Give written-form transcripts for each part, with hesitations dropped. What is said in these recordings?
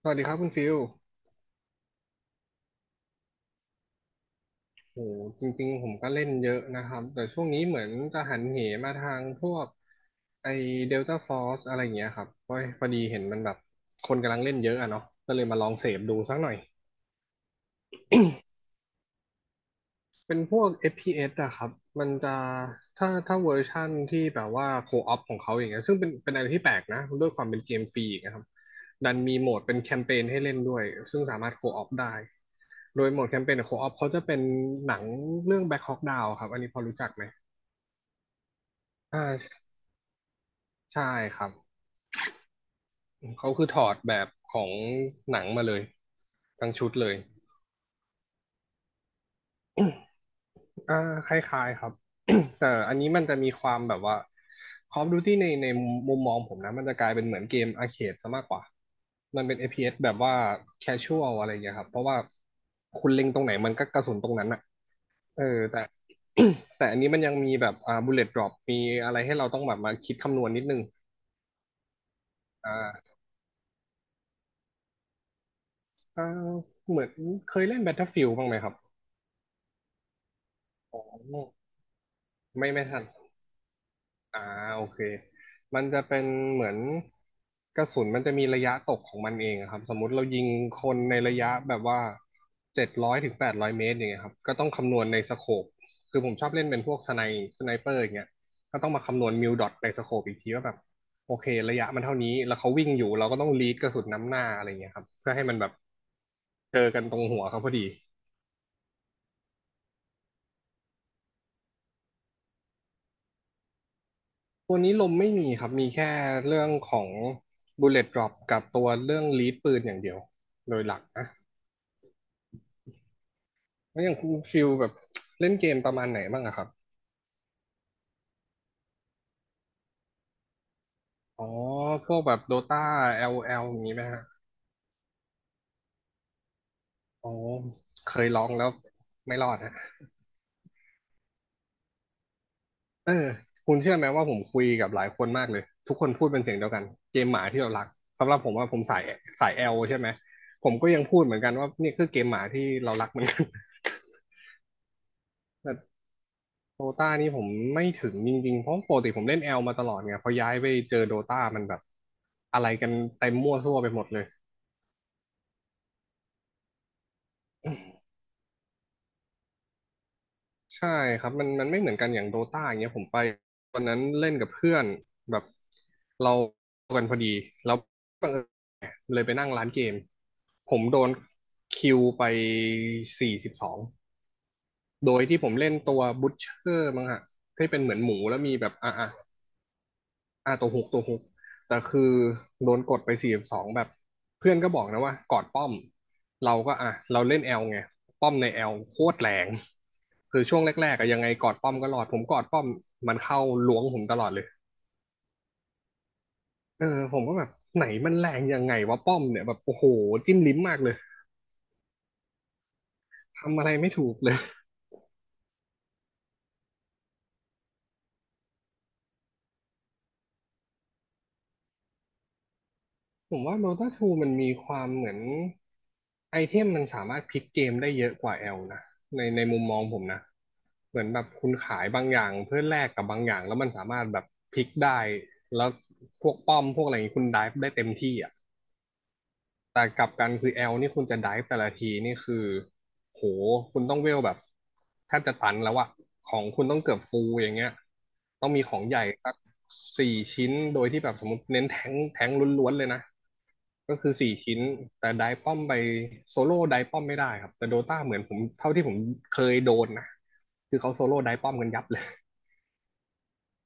สวัสดีครับคุณฟิลโอ้จริงๆ ผมก็เล่นเยอะนะครับ แต่ช่วงนี้เหมือนจะหันเหมาทางพวกไอเดลต้าฟอร์สอะไรอย่างเงี้ยครับเพราะพอดีเห็นมันแบบคนกำลังเล่นเยอะอะเนาะก็เลยมาลองเสพดูสักหน่อย เป็นพวก FPS อฟพีเอสอะครับ มันจะถ้าเวอร์ชั่นที่แบบว่าโคออปของเขาอย่างเงี้ยซึ่งเป็นอะไรที่แปลกนะด้วยความเป็นเกมฟรีอีกนะครับดันมีโหมดเป็นแคมเปญให้เล่นด้วยซึ่งสามารถโคออปได้ โดยโหมดแคมเปญโคออปเขาจะเป็นหนังเรื่อง Black Hawk Down ครับ อันนี้พอรู้จักไหมอ่าใช่ครับเขาคือถอดแบบของหนังมาเลยทั้งชุดเลย อ่าคล้ายๆครับ แต่อันนี้มันจะมีความแบบว่า Call of Duty ในมุมมองผมนะมันจะกลายเป็นเหมือนเกมอาร์เคดซะมากกว่ามันเป็นเ p s แบบว่า casual อะไรอย่างเงี้ยครับเพราะว่าคุณเล็งตรงไหนมันก็กระสุนตรงนั้นอะเออแต่ แต่อันนี้มันยังมีแบบbullet drop มีอะไรให้เราต้องแบบมาคิดคำนวณนิดนึงอ่าอ่าเหมือนเคยเล่น Battlefield บ้างไหมครับอ๋อไม่ทัน อ่าโอเคมันจะเป็นเหมือนกระสุนมันจะมีระยะตกของมันเองอะครับสมมุติเรายิงคนในระยะแบบว่าเจ็ดร้อยถึงแปดร้อยเมตรอย่างเงี้ยครับก็ต้องคำนวณในสโคปคือผมชอบเล่นเป็นพวกสไนเปอร์อย่างเงี้ยก็ต้องมาคำนวณมิลดอทในสโคปอีกทีว่าแบบโอเคระยะมันเท่านี้แล้วเขาวิ่งอยู่เราก็ต้องลีดกระสุนน้ำหน้าอะไรเงี้ยครับเพื่อให้มันแบบเจอกันตรงหัวเขาพอดี ตัวนี้ลมไม่มีครับ มีแค่เรื่องของ Bullet Drop กับตัวเรื่องลีดปืนอย่างเดียวโดยหลักนะแล้วอย่างคุณฟิลแบบเล่นเกมประมาณไหนบ้างอะครับอ๋อพวกแบบ Dota LOL อลแอลอย่างนี้ไหมฮะอ๋อเคยลองแล้วไม่รอดฮะเออคุณเชื่อไหมว่าผมคุยกับหลายคนมากเลย ทุกคนพูดเป็นเสียงเดียวกัน เกมหมาที่เรารัก สำหรับผมว่าผมสายสาย L ใช่ไหม ผมก็ยังพูดเหมือนกันว่านี่คือเกมหมาที่เรารักเหมือนกัน เออ โดตานี่ผมไม่ถึงจริงๆ เพราะปกติผมเล่นแอลมาตลอดไงพอย้ายไปเจอโดตามันแบบอะไรกันเต็มมั่วซั่วไปหมดเลย ใช่ครับ มันไม่เหมือนกันอย่างโดตาอย่างเงี้ยผมไปวันนั้นเล่นกับเพื่อนแบบเรากันพอดี แล้วบังเอิญเลยไปนั่งร้านเกม ผมโดนคิวไปสี่สิบสองโดยที่ผมเล่นตัวบุชเชอร์มั้งฮะที่เป็นเหมือนหมูแล้วมีแบบอ่ะอ่ะ อ่าตัวฮุกตัวฮุกแต่คือโดนกดไปสี่สองแบบเพื่อนก็บอกนะว่ากอดป้อมเราก็อ่ะเราเล่นแอลไงป้อมในแอลโคตรแรงคือช่วงแรกๆอะยังไงกอดป้อมก็รอดผมกอดป้อมมันเข้าล้วงผมตลอดเลยเออผมก็แบบไหนมันแรงยังไงวะป้อมเนี่ยแบบโอ้โหจิ้มลิ้มมากเลยทำอะไรไม่ถูกเลย ผมว่า Dota ทูมันมีความเหมือนไอเทมมันสามารถพลิกเกมได้เยอะกว่า L นะในมุมมองผมนะเหมือนแบบคุณขายบางอย่างเพื่อแลกกับบางอย่างแล้วมันสามารถแบบพลิกได้แล้วพวกป้อมพวกอะไรอย่างนี้คุณไดฟ์ได้เต็มที่อ่ะ แต่กลับกันคือแอลนี่คุณจะไดฟ์แต่ละทีนี่คือโหคุณต้องเวลแบบแทบจะตันแล้วอะของคุณต้องเกือบฟูลอย่างเงี้ยต้องมีของใหญ่สักสี่ชิ้นโดยที่แบบสมมติเน้นแทงค์แทงค์ล้วนๆเลยนะก็คือสี่ชิ้นแต่ไดฟ์ป้อมไปโซโล่ไดฟ์ป้อมไม่ได้ครับแต่โดตาเหมือนผมเท่าที่ผมเคยโดนนะคือเขาโซโล่ไดฟ์ป้อมกันยับเลย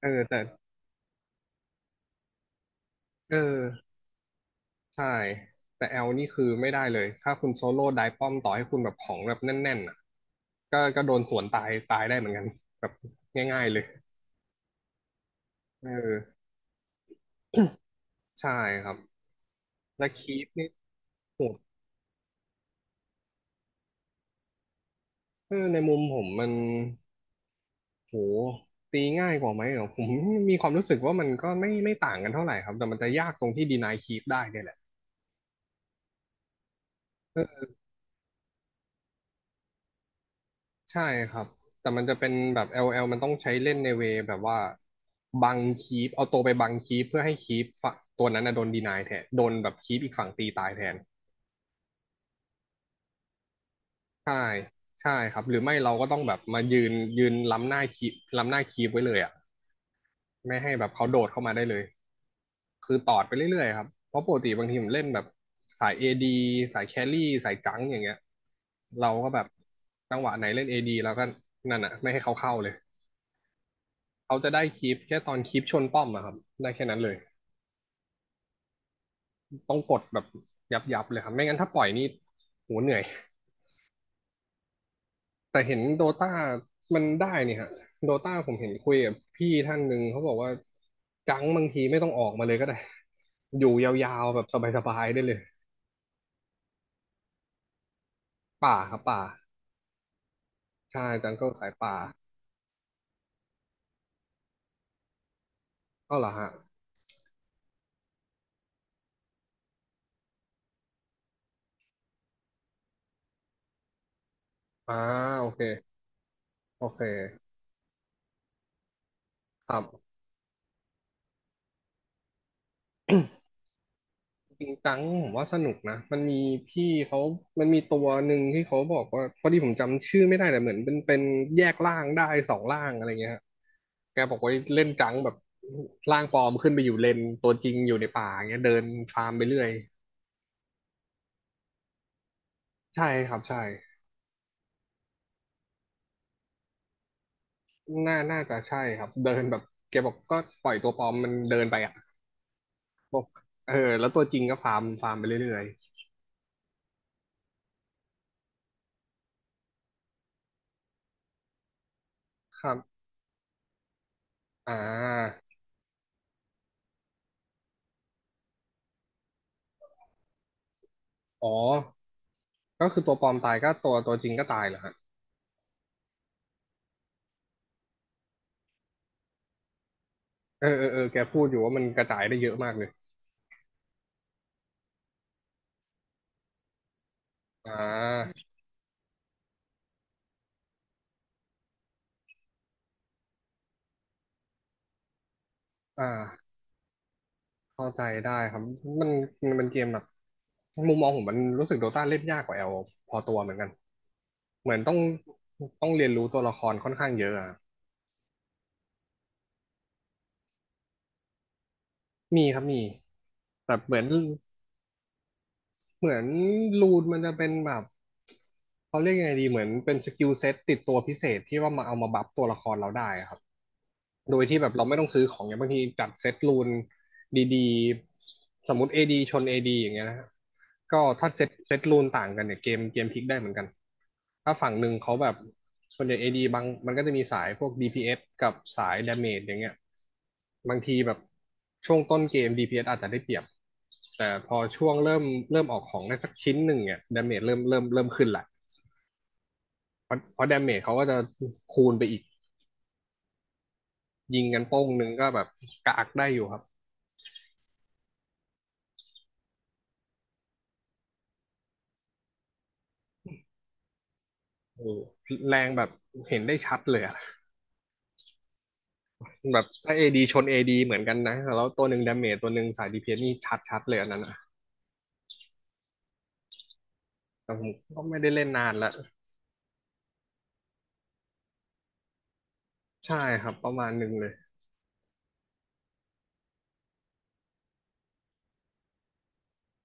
เออแต่เออ ใช่แต่แอลนี่คือไม่ได้เลยถ้าคุณโซโล่ไดป้อมต่อให้คุณแบบของแบบแน่นๆอ่ะก็ก็โดนสวนตายตายได้เหมือนกันแบบง่ายๆเลยเออใช่ครับและคีปนี่โหดเออในมุมผมมันโหตีง่ายกว่าไหมเหรอผมมีความรู้สึกว่ามันก็ไม่ต่างกันเท่าไหร่ครับแต่มันจะยากตรงที่ดีนายคีปได้เนี่ยแหละเออ ใช่ครับแต่มันจะเป็นแบบ LL มันต้องใช้เล่นในเวย์แบบว่าบังคีปเอาตัวไปบังคีปเพื่อให้คีปฝั่งตัวนั้นนะโดนดีนายแทนโดนแบบคีปอีกฝั่งตีตายแทนใช่ใช่ครับหรือไม่เราก็ต้องแบบมายืนยืนล้ำหน้าคีปล้ำหน้าคีปไว้เลยอ่ะไม่ให้แบบเขาโดดเข้ามาได้เลยคือตอดไปเรื่อยๆครับเพราะปกติบางทีผมเล่นแบบสาย AD สายแครี่สายจังอย่างเงี้ยเราก็แบบจังหวะไหนเล่น AD แล้วก็นั่นอ่ะไม่ให้เขาเข้าเลย เขาจะได้คลิปแค่ตอนคลิปชนป้อมอะครับได้แค่นั้นเลยต้องกดแบบยับๆเลยครับไม่งั้นถ้าปล่อยนี่โหเหนื่อยแต่เห็นโดตามันได้นี่ฮะโดตาผมเห็นคุยกับพี่ท่านหนึ่งเขาบอกว่าจังบางทีไม่ต้องออกมาเลยก็ได้อยู่ยาวๆแบบสบายๆได้เลยป่าครับป่าใช่จังก็สายป่าก็เหรอฮะอ่าโอเคโอเคครับ ปิงกังผมว่าสนุกนะมันมีพี่เขามันมีตัวหนึ่งที่เขาบอกว่าพอดีผมจำชื่อไม่ได้แต่เหมือนเป็นแยกร่างได้สองร่างอะไรเงี้ยฮะแกบอกว่าเล่นจังแบบร่างปลอมขึ้นไปอยู่เลนตัวจริงอยู่ในป่าเงี้ยเดินฟาร์มไปเรื่อยใช่ครับใช่น่าจะใช่ครับเดินแบบแกบอกก็ปล่อยตัวปลอมมันเดินไปอ่ะบอกเออแล้วตัวจริงก็ฟาร์มไปเรื่อยๆครับอ่าอ๋อก็คือตัวปลอมตายก็ตัวจริงก็ตายเหรอฮะ เออแกพูดอยู่ว่ามันกระจายได้เยอะมากเลยอ่าอ่าเข้าใจได้ครับมันมันเป็นเกมแบบมุมมองผมมันรู้สึกโดต้าเล่นยากกว่าแอลพอตัวเหมือนกันเหมือนต้องเรียนรู้ตัวละครค่อนข้างเยอะอะมีครับมีแต่เหมือนรูนมันจะเป็นแบบเขาเรียกยังไงดีเหมือนเป็นสกิลเซ็ตติดตัวพิเศษที่ว่ามาเอามาบัฟตัวละครเราได้อะครับ โดยที่แบบเราไม่ต้องซื้อของอย่างบางทีจัดเซตรูนดีๆสมมติ AD ชน AD อดีอย่างเงี้ยนะฮะก็ถ้าเซตรูนต่างกันเนี่ยเกมพลิกได้เหมือนกันถ้าฝั่งหนึ่งเขาแบบส่วนใหญ่ AD บางมันก็จะมีสายพวก DPS กับสาย Damage อย่างเงี้ยบางทีแบบช่วงต้นเกม DPS อสอาจจะได้เปรียบแต่พอช่วงเริ่มเริ่มออกของได้สักชิ้นหนึ่งเนี่ยดาเมจเริ่มขึ้นละเพราะดาเมจเขาก็จะคูณไปอีกยิงกันโป้งหนึ่งก็แบบกากได้อยู่ครับ โอ้แรงแบบเห็นได้ชัดเลยอะแบบถ้าเอดีชนเอดีเหมือนกันนะแล้วตัวหนึ่งดาเมจตัวหนึ่งสายดีเพนนี่ชัดเลยอันนั้นอะแต่ผมก็ไม่ได้เล่นนานละใช่ครับประมาณหนึ่งเลย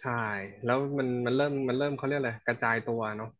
ใช่แล้วมันเริ่มเขาเรียกอะไรกระจายตัวเนาะ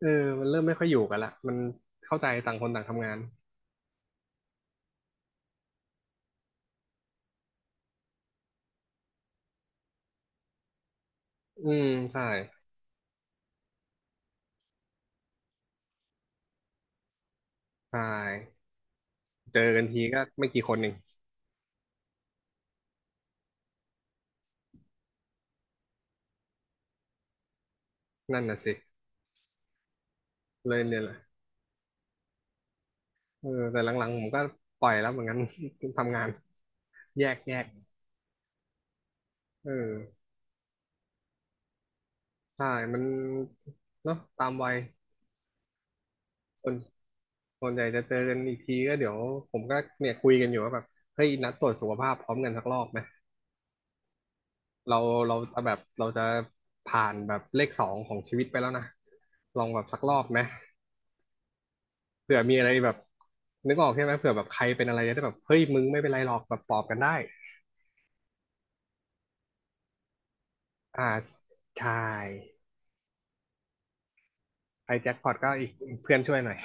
เออมันเริ่มไม่ค่อยอยู่กันละมันเข้าใจต่างคนต่างทำงานอืมใช่ใช่เจอกันทีก็ไม่กี่คนเองนั่นน่ะสิเลยเนี่ยแหละเออแต่หลังๆผมก็ปล่อยแล้วเหมือนกัน ทำงานแยกเออ ใช่ มันเนาะตามวัยส่วนส่วนใหญ่จะเจอกันอีกทีก็เดี๋ยวผมก็เนี่ยคุยกันอยู่ว่าแบบเฮ้ยนัดตรวจสุขภาพพร้อมกันสักรอบไหมเราเราจะแบบเราจะผ่านแบบเลขสองของชีวิตไปแล้วนะลองแบบสักรอบไหมเผื่อมีอะไรแบบนึกออกใช่ไหมเผื่อแบบใครเป็นอะไรจะได้แบบเฮ้ยมึงไม่เป็นไรหรอกแบบปลอบกันได้อ่าใช่ไอ้แจ็คพอตก็อีกเพื่อนช่วยหน่อย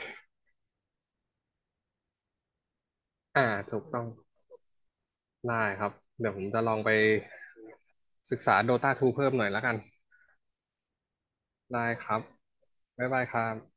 อ่าถูกต้องได้ครับเดี๋ยวผมจะลองไปศึกษาโดตาทูเพิ่มหน่อยแล้วกัน ได้ครับ บ๊ายบายครับ